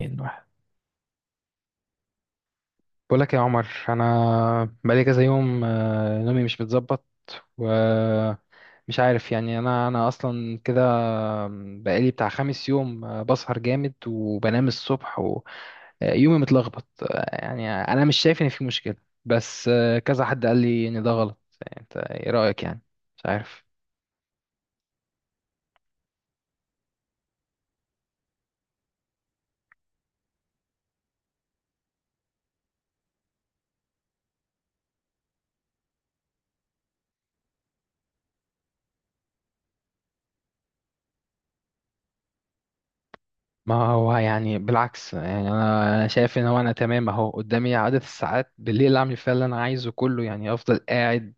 اتنين واحد. بقول لك يا عمر، انا بقالي كذا يوم، نومي مش متظبط. ومش عارف يعني انا اصلا كده. بقالي بتاع 5 يوم، بسهر جامد وبنام الصبح. ويومي متلخبط، يعني انا مش شايف ان في مشكلة. بس كذا حد قال لي ان ده غلط. يعني انت ايه رأيك يعني؟ مش عارف. ما هو يعني بالعكس، يعني انا شايف ان هو انا تمام، اهو قدامي عدد الساعات بالليل اعمل فيها اللي انا عايزه كله، يعني افضل قاعد.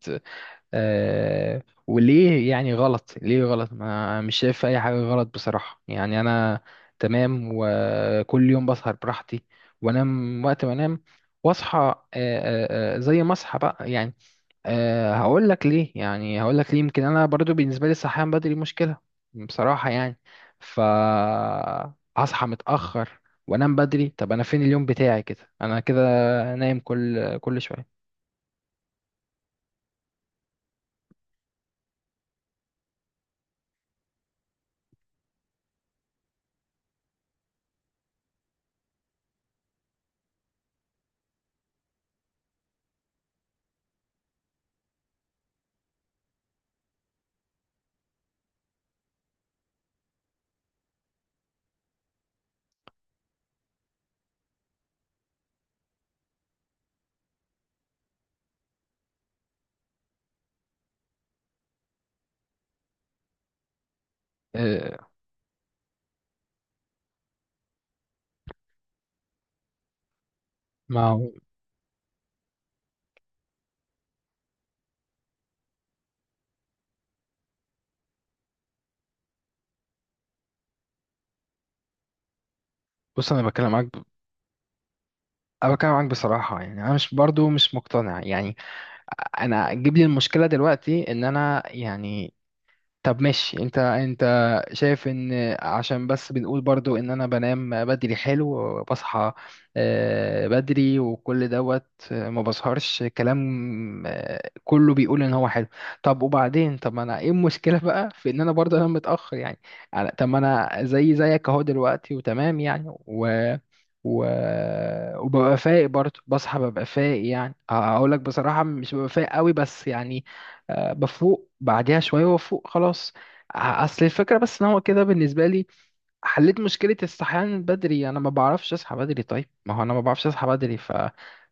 وليه يعني غلط؟ ليه غلط؟ ما مش شايف اي حاجة غلط بصراحة، يعني انا. تمام، وكل يوم بسهر براحتي، وانام وقت ما انام. واصحى زي ما اصحى بقى يعني. هقول لك ليه، يعني هقول لك ليه. يمكن انا برضو بالنسبة لي الصحيان بدري مشكلة بصراحة، يعني ف اصحى متأخر وانام بدري. طب انا فين اليوم بتاعي كده؟ انا كده نايم كل شوية. آه، ما هو. بص، انا بتكلم معاك. أنا بتكلم معاك بصراحة، يعني أنا مش برضو مش مقتنع يعني. أنا أجيب لي المشكلة دلوقتي إن أنا يعني. طب ماشي. انت شايف ان عشان بس بنقول برضو ان انا بنام بدري حلو، وبصحى بدري وكل دوت. ما بسهرش، كلام كله بيقول ان هو حلو. طب وبعدين؟ طب ما انا، ايه المشكلة بقى في ان انا برضو انام متأخر يعني؟ طب ما انا زي زيك اهو دلوقتي، وتمام يعني و... وببقى فايق برضه، بصحى ببقى فايق، يعني هقول لك بصراحة مش ببقى فايق قوي بس يعني. بفوق بعديها شوية وافوق خلاص. اصل الفكرة بس ان هو كده بالنسبة لي. حليت مشكلة الصحيان بدري، انا ما بعرفش اصحى بدري. طيب ما هو انا ما بعرفش اصحى بدري،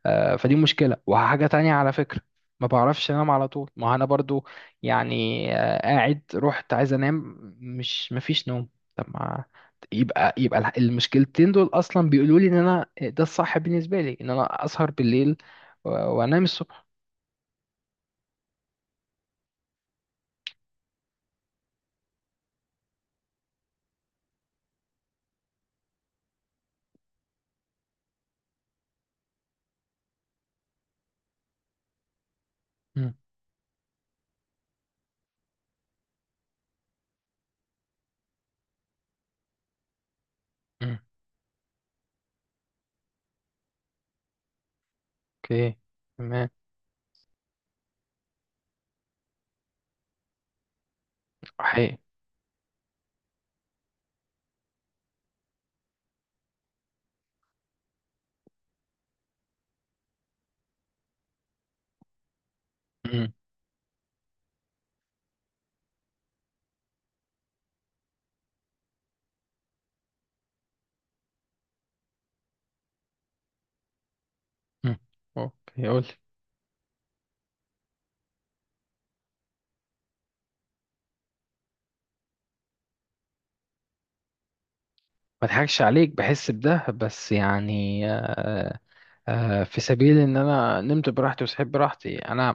فدي مشكلة. وحاجة تانية على فكرة، ما بعرفش انام على طول. ما هو انا برضو يعني قاعد، رحت عايز انام، مش، مفيش نوم. طب ما يبقى، يبقى المشكلتين دول اصلا بيقولوا لي ان انا ده الصح بالنسبة لي، ان انا اسهر بالليل و- وانام الصبح. مم. مم. اوكي. تمام. حقيقي. مم. مم. اوكي، قول. ما اضحكش عليك، بحس بده بس يعني، في سبيل ان انا نمت براحتي وصحيت براحتي، انا.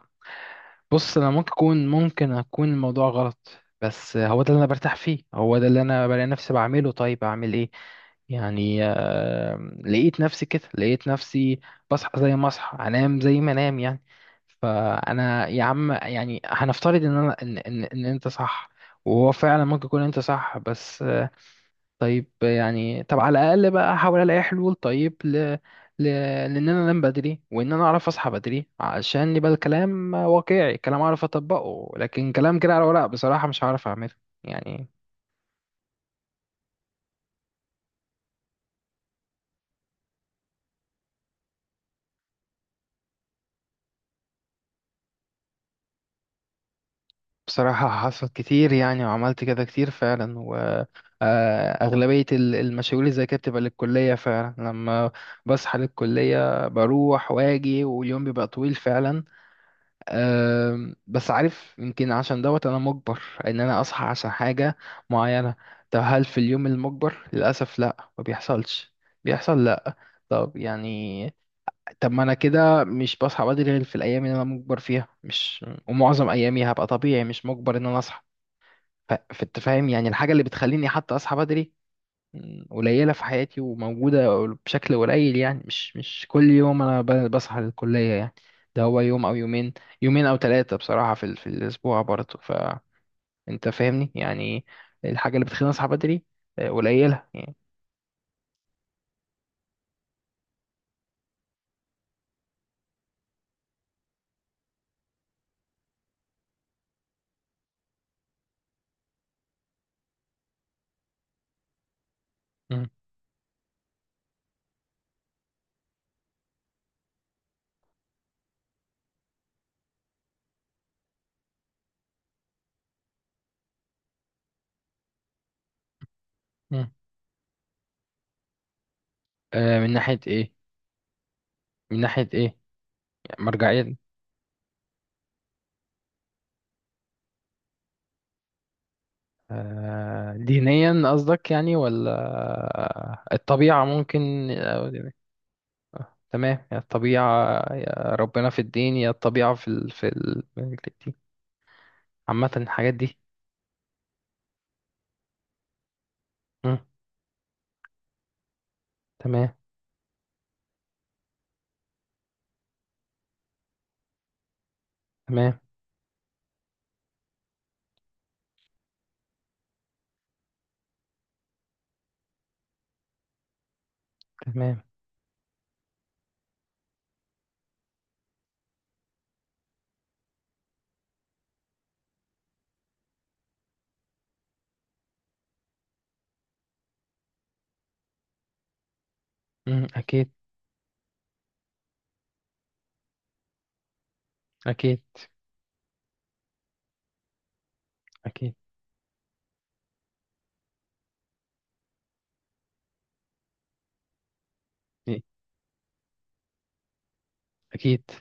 بص، انا ممكن اكون الموضوع غلط. بس هو ده اللي انا برتاح فيه، هو ده اللي انا بلاقي نفسي بعمله. طيب اعمل ايه؟ يعني لقيت نفسي كده، لقيت نفسي بصحى زي ما اصحى، انام زي ما انام يعني. فانا يا عم، يعني هنفترض ان انا ان ان, إن انت صح، وهو فعلا ممكن يكون انت صح. بس طيب يعني. طب على الاقل بقى احاول الاقي حلول. طيب ل... لان انا انام بدري، وان انا اعرف اصحى بدري، عشان يبقى الكلام واقعي، كلام اعرف اطبقه، لكن كلام كده على ورق بصراحة مش هعرف اعمله يعني. بصراحة حصل كتير يعني، وعملت كده كتير فعلا. وأغلبية المشاوير اللي زي كده بتبقى للكلية فعلا، لما بصحى للكلية بروح واجي، واليوم بيبقى طويل فعلا. بس عارف، يمكن عشان دوت أنا مجبر إن أنا أصحى عشان حاجة معينة. طب هل في اليوم المجبر؟ للأسف لأ، ما بيحصلش. بيحصل، لأ. طب يعني. طب ما أنا كده مش بصحى بدري غير في الأيام اللي أنا مجبر فيها، مش، ومعظم أيامي هبقى طبيعي، مش مجبر إن أنا أصحى. فانت فاهم يعني، الحاجة اللي بتخليني حتى أصحى بدري، قليلة في حياتي وموجودة بشكل قليل، يعني مش كل يوم أنا بصحى للكلية يعني. ده هو يوم أو يومين، يومين أو ثلاثة بصراحة في الأسبوع برضه. فأنت فاهمني يعني، الحاجة اللي بتخليني أصحى بدري قليلة يعني. مم. مم. من ناحية إيه؟ من ناحية إيه؟ يعني مرجعيا. دينيا قصدك يعني، ولا الطبيعة ممكن تمام. يا الطبيعة، يا ربنا في الدين، يا الطبيعة دي. عامة الحاجات دي. مم. تمام. تمام. تمام. مم. أكيد. أكيد. أكيد. إيه، أكيد.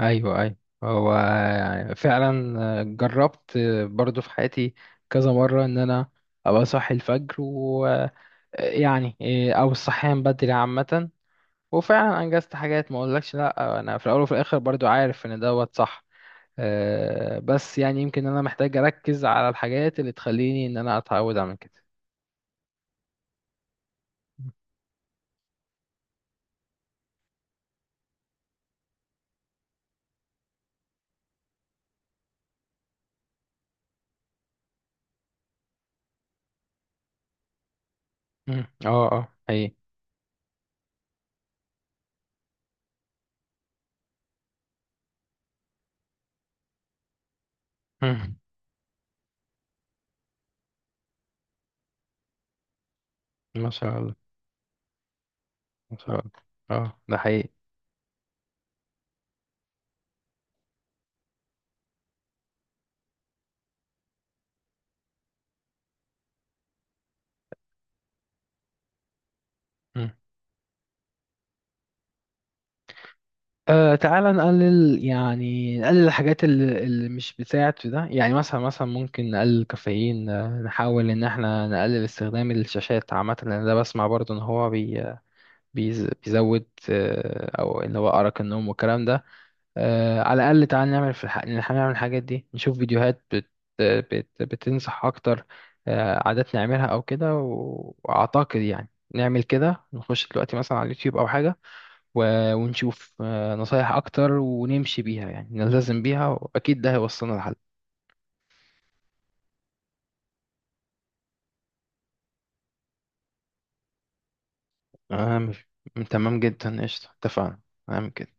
أيوه، أيوه. هو فعلا جربت برضو في حياتي كذا مرة إن أنا أبقى صاحي الفجر ويعني، أو الصحيان بدري عامة. وفعلا أنجزت حاجات، ما أقولكش لأ، أنا في الأول وفي الآخر برضو عارف إن دوت صح. بس يعني يمكن انا محتاج اركز على الحاجات اللي تخليني ان انا اتعود اعمل كده. مم. اه. اه، حقيقي. مم. ما شاء الله. ما شاء الله. اه، ده حقيقي. مم. تعالى نقلل، يعني نقلل الحاجات اللي مش بتساعد في ده. يعني مثلا، ممكن نقلل الكافيين، نحاول ان احنا نقلل استخدام الشاشات عامة، لان ده بسمع برضو ان هو بيزود، او ان هو ارق النوم والكلام ده. على الأقل تعال نعمل إن إحنا نعمل الحاجات دي، نشوف فيديوهات بتنصح أكتر. عادات نعملها أو كده، وأعتقد يعني نعمل كده، نخش دلوقتي مثلا على اليوتيوب أو حاجة و... ونشوف نصايح أكتر ونمشي بيها، يعني نلتزم بيها، وأكيد ده هيوصلنا لحل. تمام. تمام جدا، قشطة. اتفقنا، نعمل كده.